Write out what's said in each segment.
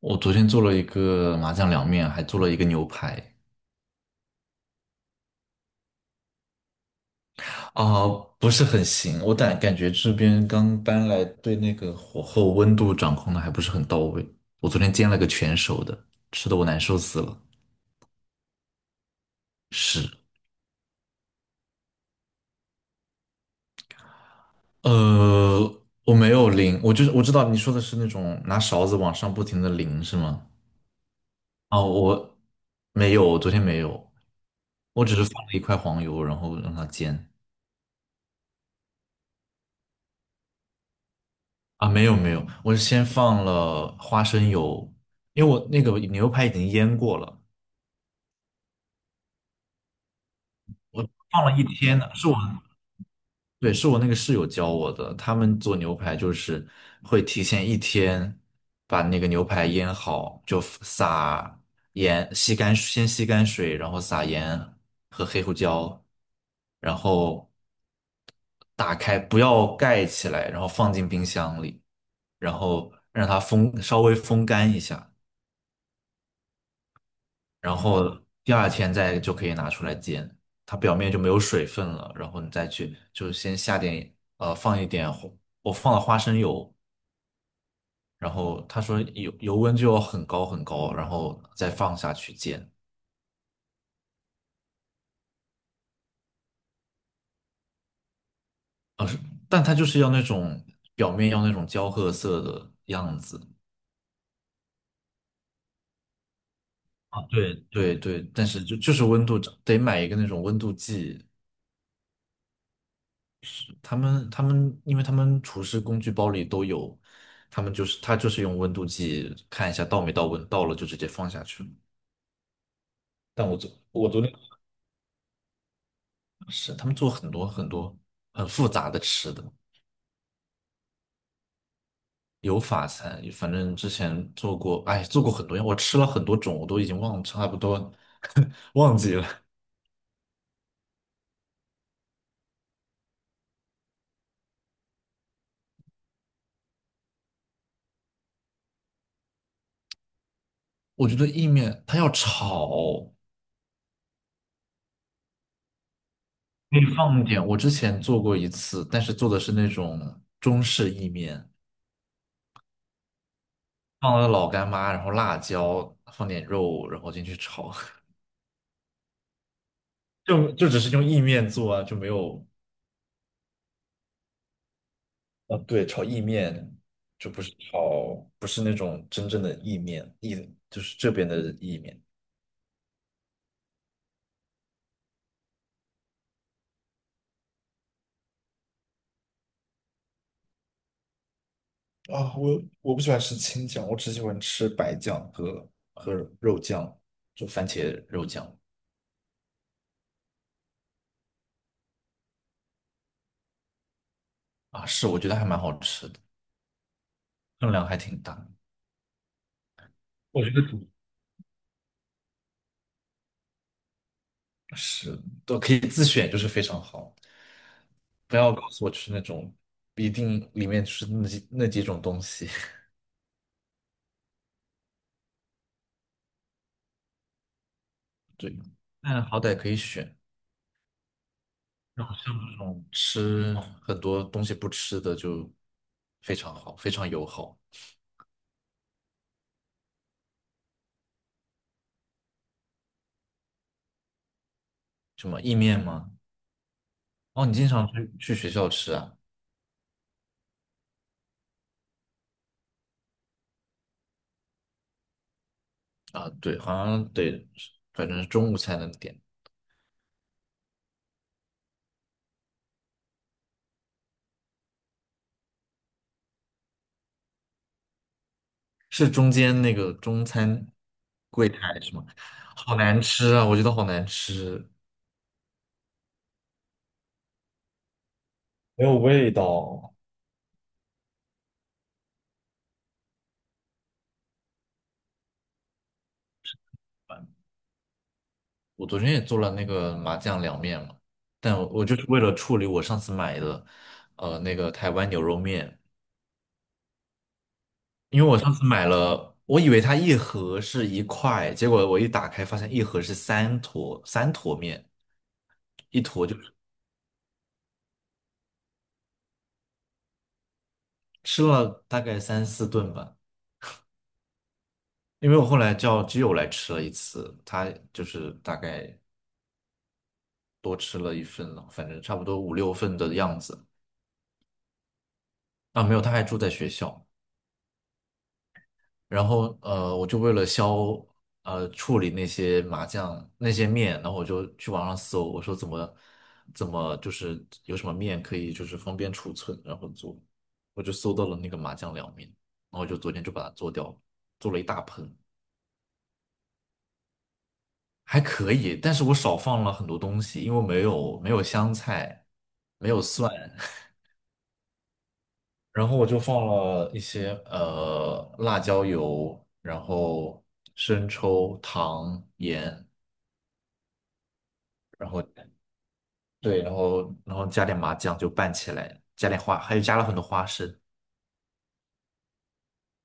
我昨天做了一个麻酱凉面，还做了一个牛排，啊、不是很行。我感觉这边刚搬来，对那个火候温度掌控的还不是很到位。我昨天煎了个全熟的，吃的我难受死了。是，呃，我没有淋，我就是知道你说的是那种拿勺子往上不停的淋是吗？啊，我没有，我昨天没有，我只是放了一块黄油，然后让它煎。啊，没有没有，我是先放了花生油，因为我那个牛排已经腌过了，我放了一天呢，是我，对，是我那个室友教我的，他们做牛排就是会提前一天把那个牛排腌好，就撒盐，吸干，先吸干水，然后撒盐和黑胡椒，然后打开，不要盖起来，然后放进冰箱里，然后让它稍微风干一下。然后第二天再就可以拿出来煎，它表面就没有水分了。然后你再去，就先下点放一点花我放了花生油，然后他说油温就要很高很高，然后再放下去煎，但它就是要那种表面要那种焦褐色的样子。啊，对对对，但是就是温度得买一个那种温度计，他们，因为他们厨师工具包里都有，他们就是他就是用温度计看一下到没到温，到了就直接放下去了。但我昨我昨天是他们做很多很复杂的吃的，有法餐，反正之前做过，哎，做过很多样，我吃了很多种，我都已经忘差不多 忘记了。我觉得意面它要炒，可以放一点。我之前做过一次，但是做的是那种中式意面。放了老干妈，然后辣椒，放点肉，然后进去炒，就只是用意面做啊，就没有啊，对，炒意面就不是炒，不是那种真正的意面，就是这边的意面。啊，我我不喜欢吃青酱，我只喜欢吃白酱和和肉酱，就番茄肉酱。啊，是我觉得还蛮好吃的，分量还挺大，我觉得主是都可以自选，就是非常好。不要告诉我吃那种一定里面吃那几种东西。对，但好歹可以选，然后像这种吃很多东西不吃的就非常好，非常友好。什么意面吗？哦，你经常去学校吃啊？啊，对，好像得，反正是中午才能点，是中间那个中餐柜台是吗？好难吃啊，我觉得好难吃，没有味道。我昨天也做了那个麻酱凉面嘛，但我就是为了处理我上次买的，那个台湾牛肉面，因为我上次买了，我以为它一盒是一块，结果我一打开发现一盒是三坨，三坨面，一坨就吃了大概三四顿吧。因为我后来叫基友来吃了一次，他就是大概多吃了一份了，反正差不多五六份的样子。啊，没有，他还住在学校。然后我就为了消处理那些麻酱那些面，然后我就去网上搜，我说怎么就是有什么面可以就是方便储存，然后做，我就搜到了那个麻酱凉面，然后就昨天就把它做掉了，做了一大盆，还可以，但是我少放了很多东西，因为没有没有香菜，没有蒜，然后我就放了一些辣椒油，然后生抽、糖、盐。然后对，然后加点麻酱就拌起来，加点花，还有加了很多花生，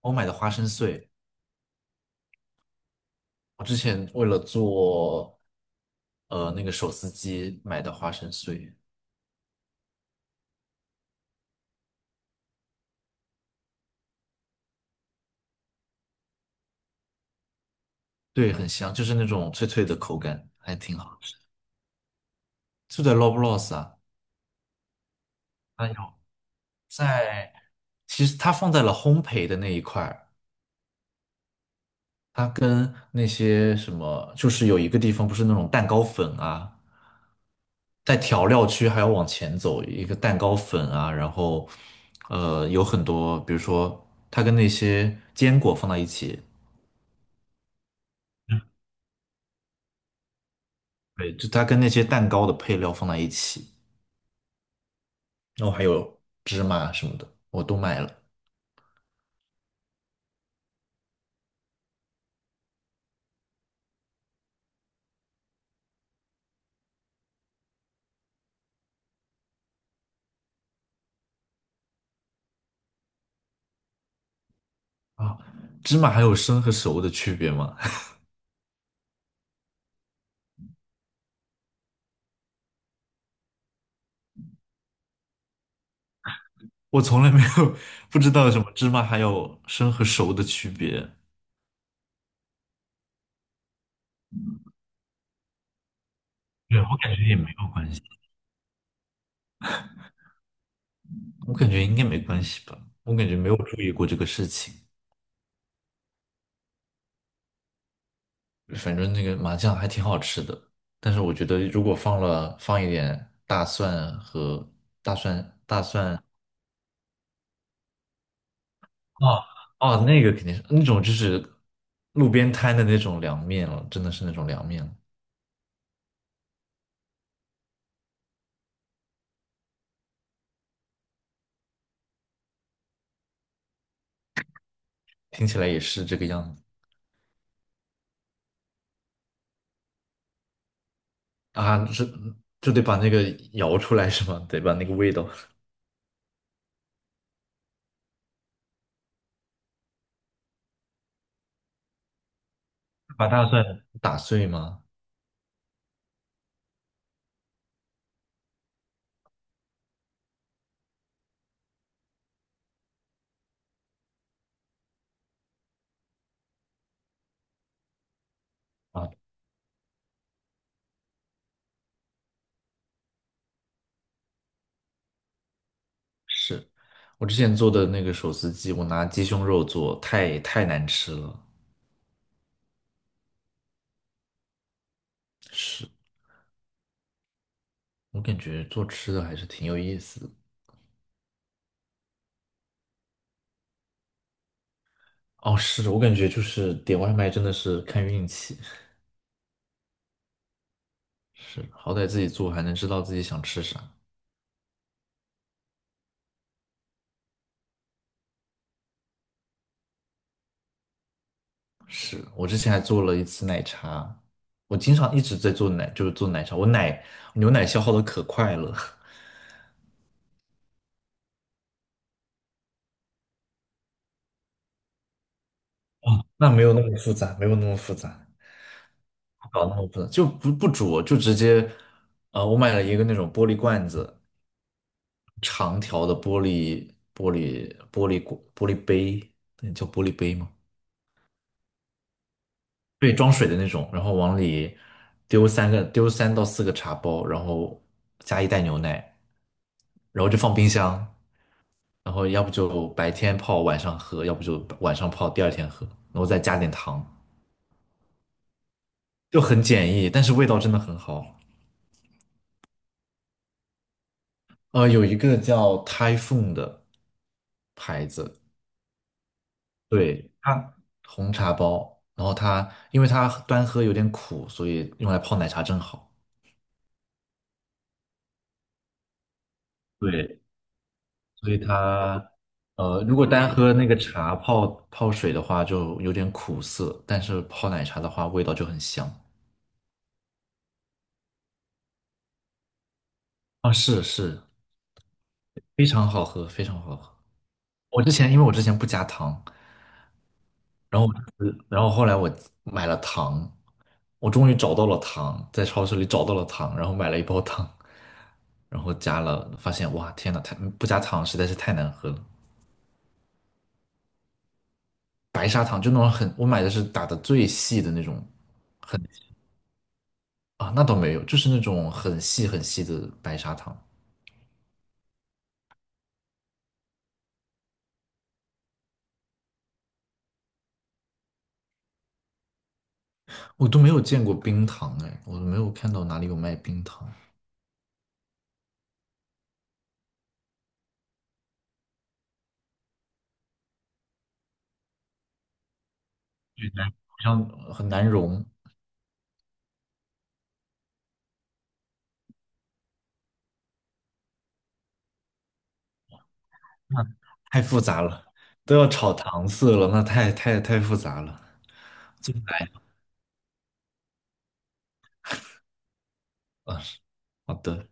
我买的花生碎，我之前为了做那个手撕鸡买的花生碎，对，很香，就是那种脆脆的口感，还挺好吃。就在 Loblaws 啊，它有在，其实它放在了烘焙的那一块儿，它跟那些什么，就是有一个地方不是那种蛋糕粉啊。在调料区还要往前走，一个蛋糕粉啊，然后有很多，比如说它跟那些坚果放在一起，对，就它跟那些蛋糕的配料放在一起，然后还有芝麻什么的，我都买了。啊，芝麻还有生和熟的区别吗？我从来没有不知道什么芝麻还有生和熟的区别。对，我感觉也没有关系，我感觉应该没关系吧，我感觉没有注意过这个事情。反正那个麻酱还挺好吃的，但是我觉得如果放了放一点大蒜和大蒜。哦哦，那个肯定是那种就是路边摊的那种凉面了，真的是那种凉面了，听起来也是这个样子。啊，是就得把那个摇出来是吗？得把那个味道 把大蒜打碎吗？啊，是我之前做的那个手撕鸡，我拿鸡胸肉做，太难吃了，是。我感觉做吃的还是挺有意思的。哦，是我感觉就是点外卖真的是看运气，是，好歹自己做还能知道自己想吃啥。是，我之前还做了一次奶茶，我经常一直在做奶，就是做奶茶，牛奶消耗的可快了，那没有那么复杂，没有那么复杂，不搞那么复杂，就不煮，就直接，我买了一个那种玻璃罐子，长条的玻璃杯，那叫玻璃杯吗？对，装水的那种，然后往里丢三个，丢三到四个茶包，然后加一袋牛奶，然后就放冰箱，然后要不就白天泡晚上喝，要不就晚上泡第二天喝，然后再加点糖，就很简易，但是味道真的很好。呃，有一个叫 Typhoon 的牌子，对，它红茶包，然后因为它端喝有点苦，所以用来泡奶茶正好。对，所以它，如果单喝那个茶泡水的话，就有点苦涩，但是泡奶茶的话，味道就很香。啊，是是，非常好喝，非常好喝。我之前不加糖，然后我然后后来我买了糖，我终于找到了糖，在超市里找到了糖，然后买了一包糖，然后加了，发现哇，天呐，太不加糖实在是太难喝了。白砂糖就那种，我买的是打的最细的那种，很。啊，那倒没有，就是那种很细很细的白砂糖，我都没有见过冰糖哎，我都没有看到哪里有卖冰糖，对难好像很难融，那太复杂了，都要炒糖色了，那太太复杂了，做不来。啊，好的，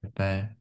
拜拜。